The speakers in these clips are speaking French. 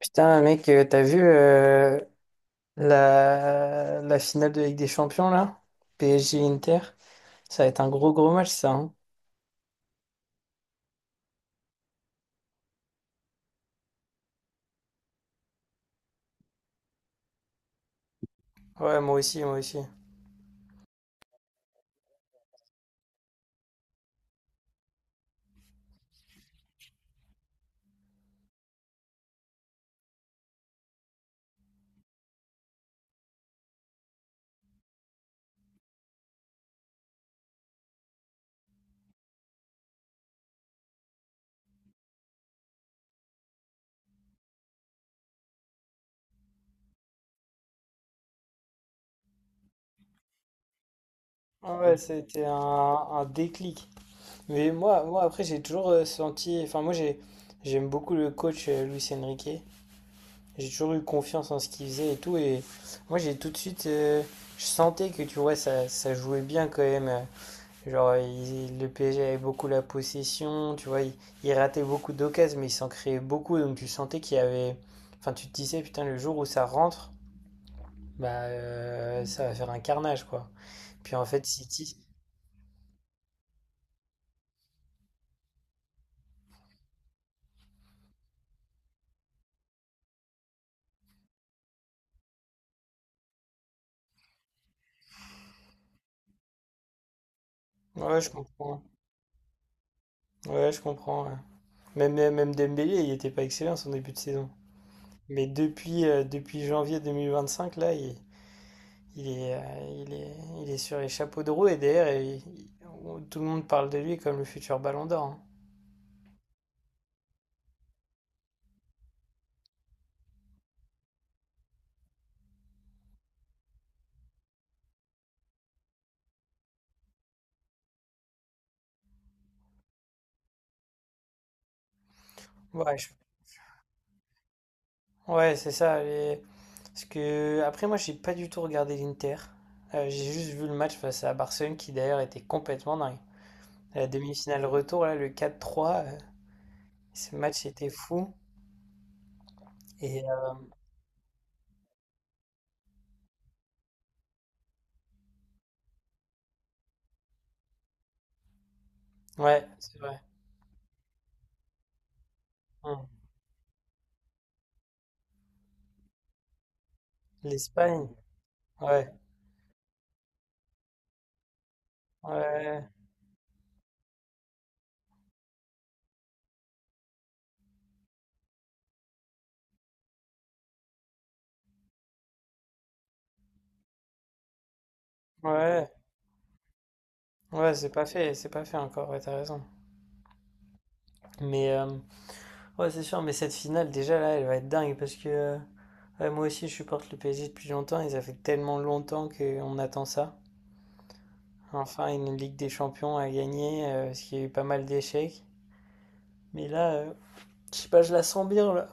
Putain, mec, t'as vu la finale de Ligue des Champions là? PSG-Inter? Ça va être un gros gros match ça. Hein. Ouais, moi aussi, moi aussi. Ah ouais, c'était un déclic. Mais moi après, j'ai toujours senti. Enfin, moi, j'ai, j'aime beaucoup le coach Luis Enrique. J'ai toujours eu confiance en ce qu'il faisait et tout. Et moi, j'ai tout de suite. Je sentais que, tu vois, ça jouait bien quand même. Genre, le PSG avait beaucoup la possession, tu vois, il ratait beaucoup d'occasions, mais il s'en créait beaucoup, donc tu sentais qu'il y avait... Enfin, tu te disais, putain, le jour où ça rentre, bah, ça va faire un carnage, quoi. Puis en fait, City... Ouais, je comprends. Ouais, je comprends, ouais. Même Dembélé, il était pas excellent son début de saison. Mais depuis, depuis janvier 2025, là, il est, il est, il est sur les chapeaux de roue, et derrière, tout le monde parle de lui comme le futur Ballon d'Or. Hein. Ouais, je ouais, c'est ça. Parce que après, moi, j'ai pas du tout regardé l'Inter. J'ai juste vu le match face à Barcelone, qui d'ailleurs était complètement dingue. La demi-finale retour, là, le quatre trois ce match était fou. Et ouais, c'est vrai. Hmm. L'Espagne, ouais, ouais, ouais, ouais, c'est pas fait encore. Ouais, t'as raison. Mais ouais, c'est sûr. Mais cette finale, déjà là, elle va être dingue parce que ouais, moi aussi, je supporte le PSG depuis longtemps. Et ça fait tellement longtemps qu'on attend ça. Enfin, une Ligue des Champions à gagner, parce qu'il y a eu pas mal d'échecs. Mais là, je sais pas, je la sens bien là.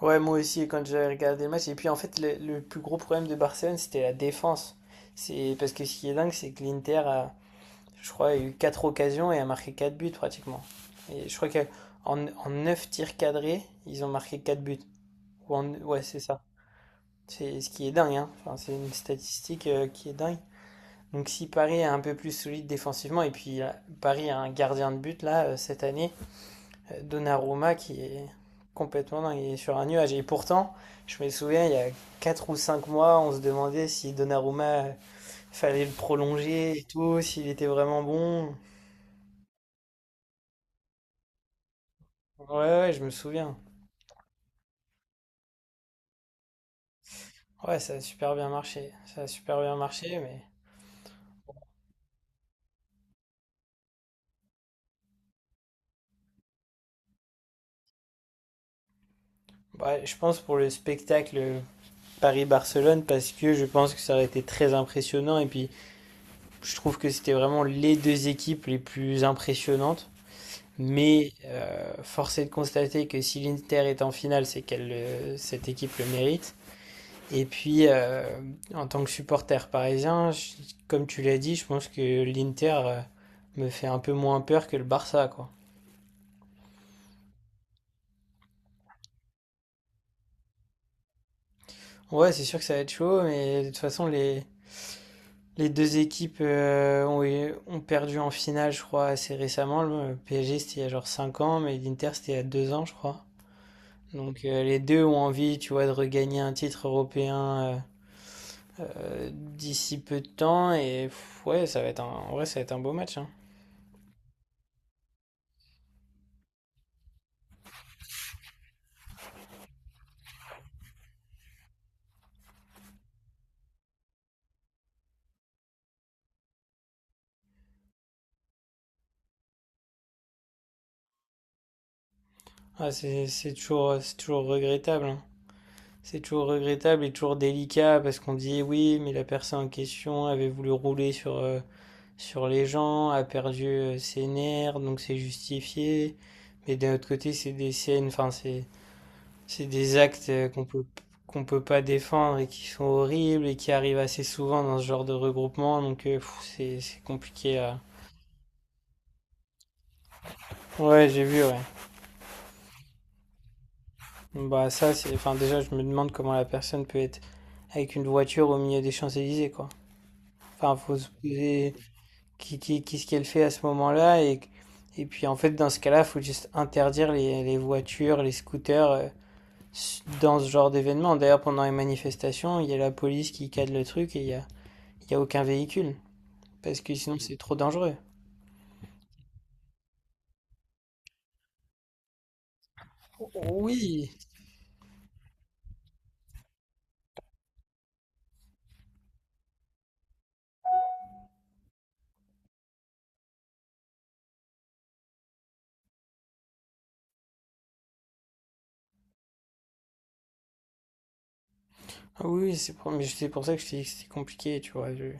Ouais, moi aussi, quand j'avais regardé le match. Et puis en fait, le plus gros problème de Barcelone, c'était la défense. C'est parce que ce qui est dingue, c'est que l'Inter a, je crois, a eu 4 occasions et a marqué 4 buts pratiquement. Et je crois qu'en 9 tirs cadrés, ils ont marqué 4 buts. Ouais, c'est ça. C'est ce qui est dingue, hein. Enfin, c'est une statistique qui est dingue. Donc si Paris est un peu plus solide défensivement, et puis Paris a un gardien de but là cette année, Donnarumma qui est complètement dingue, il est sur un nuage. Et pourtant, je me souviens, il y a 4 ou 5 mois, on se demandait si Donnarumma fallait le prolonger et tout, s'il était vraiment bon. Ouais, ouais, je me souviens. Ouais, ça a super bien marché. Ça a super bien marché, mais bah, je pense pour le spectacle Paris-Barcelone, parce que je pense que ça aurait été très impressionnant. Et puis je trouve que c'était vraiment les deux équipes les plus impressionnantes. Mais force est de constater que si l'Inter est en finale, c'est qu'elle, cette équipe le mérite. Et puis, en tant que supporter parisien, comme tu l'as dit, je pense que l'Inter me fait un peu moins peur que le Barça, quoi. Ouais, c'est sûr que ça va être chaud, mais de toute façon, les deux équipes ont, ont perdu en finale, je crois, assez récemment. Le PSG, c'était il y a genre 5 ans, mais l'Inter, c'était il y a 2 ans, je crois. Donc les deux ont envie, tu vois, de regagner un titre européen d'ici peu de temps. Et pff, ouais, ça va être un, en vrai, ça va être un beau match. Hein. Ah, c'est toujours, c'est toujours regrettable. Hein. C'est toujours regrettable et toujours délicat parce qu'on dit oui, mais la personne en question avait voulu rouler sur, sur les gens, a perdu ses nerfs, donc c'est justifié. Mais d'un autre côté, c'est des scènes, enfin, c'est des actes qu'on peut pas défendre et qui sont horribles et qui arrivent assez souvent dans ce genre de regroupement, donc c'est compliqué à... Ouais, j'ai vu, ouais. Bah ça, c'est... Enfin, déjà, je me demande comment la personne peut être avec une voiture au milieu des Champs-Élysées, quoi. Enfin, faut se poser qu'est-ce qu'elle fait à ce moment-là et... Et puis, en fait, dans ce cas-là, faut juste interdire les voitures, les scooters dans ce genre d'événement. D'ailleurs, pendant les manifestations, il y a la police qui cadre le truc et il y a aucun véhicule. Parce que sinon c'est trop dangereux. Oui, ah oui, oui, c'est pour, mais c'est pour ça que je t'ai dit que c'était compliqué, tu vois.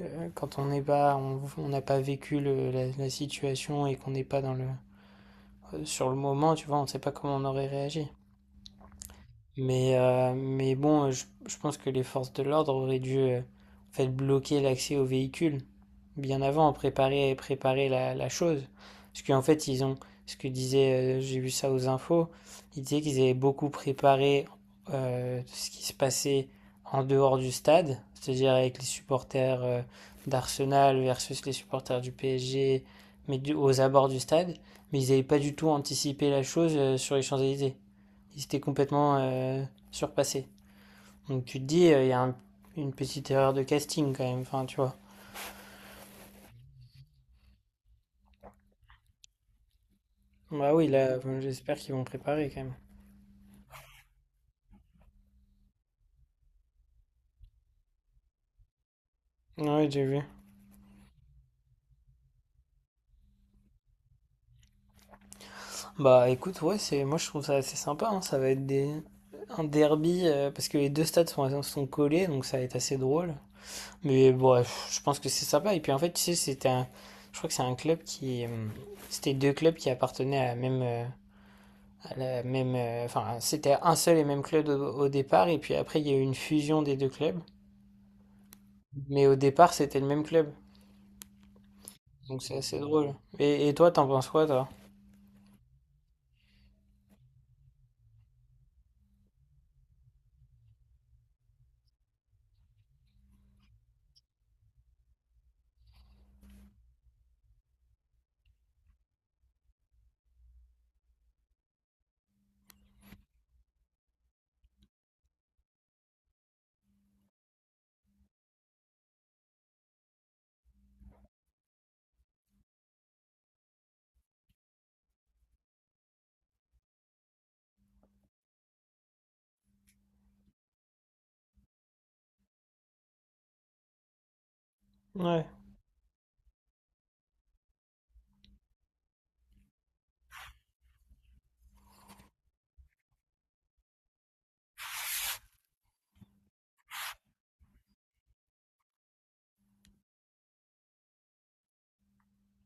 Euh, quand on n'est pas, on n'a pas vécu la, la situation et qu'on n'est pas dans le, sur le moment, tu vois, on ne sait pas comment on aurait réagi. Mais bon, je pense que les forces de l'ordre auraient dû en fait, bloquer l'accès aux véhicules bien avant, préparer, préparer la, la chose. Parce qu'en fait, ils ont, ce que disait, j'ai vu ça aux infos, ils disaient qu'ils avaient beaucoup préparé ce qui se passait en dehors du stade, c'est-à-dire avec les supporters d'Arsenal versus les supporters du PSG, mais aux abords du stade. Mais ils n'avaient pas du tout anticipé la chose sur les Champs-Élysées. Ils étaient complètement surpassés. Donc tu te dis, il y a un- une petite erreur de casting quand même, enfin tu vois. Bah oui, là, bon, j'espère qu'ils vont préparer quand même. Ouais, j'ai vu. Bah écoute, ouais, c'est, moi je trouve ça assez sympa, hein. Ça va être des, un derby, parce que les deux stades sont, sont collés, donc ça va être assez drôle. Mais bref, je pense que c'est sympa. Et puis en fait, tu sais, c'était un, je crois que c'est un club qui, c'était deux clubs qui appartenaient à la même, enfin, c'était un seul et même club au, au départ, et puis après, il y a eu une fusion des deux clubs. Mais au départ, c'était le même club. Donc c'est assez drôle. Et toi, t'en penses quoi, toi? Ouais,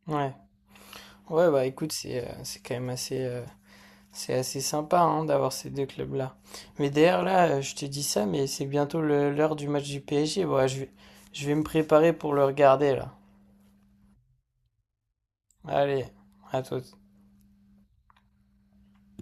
ouais. Ouais, bah écoute, c'est quand même assez, c'est assez sympa hein, d'avoir ces deux clubs-là. Mais d'ailleurs, là, je te dis ça, mais c'est bientôt l'heure du match du PSG. Bon, ouais, je vais me préparer pour le regarder, là. Allez, à toi.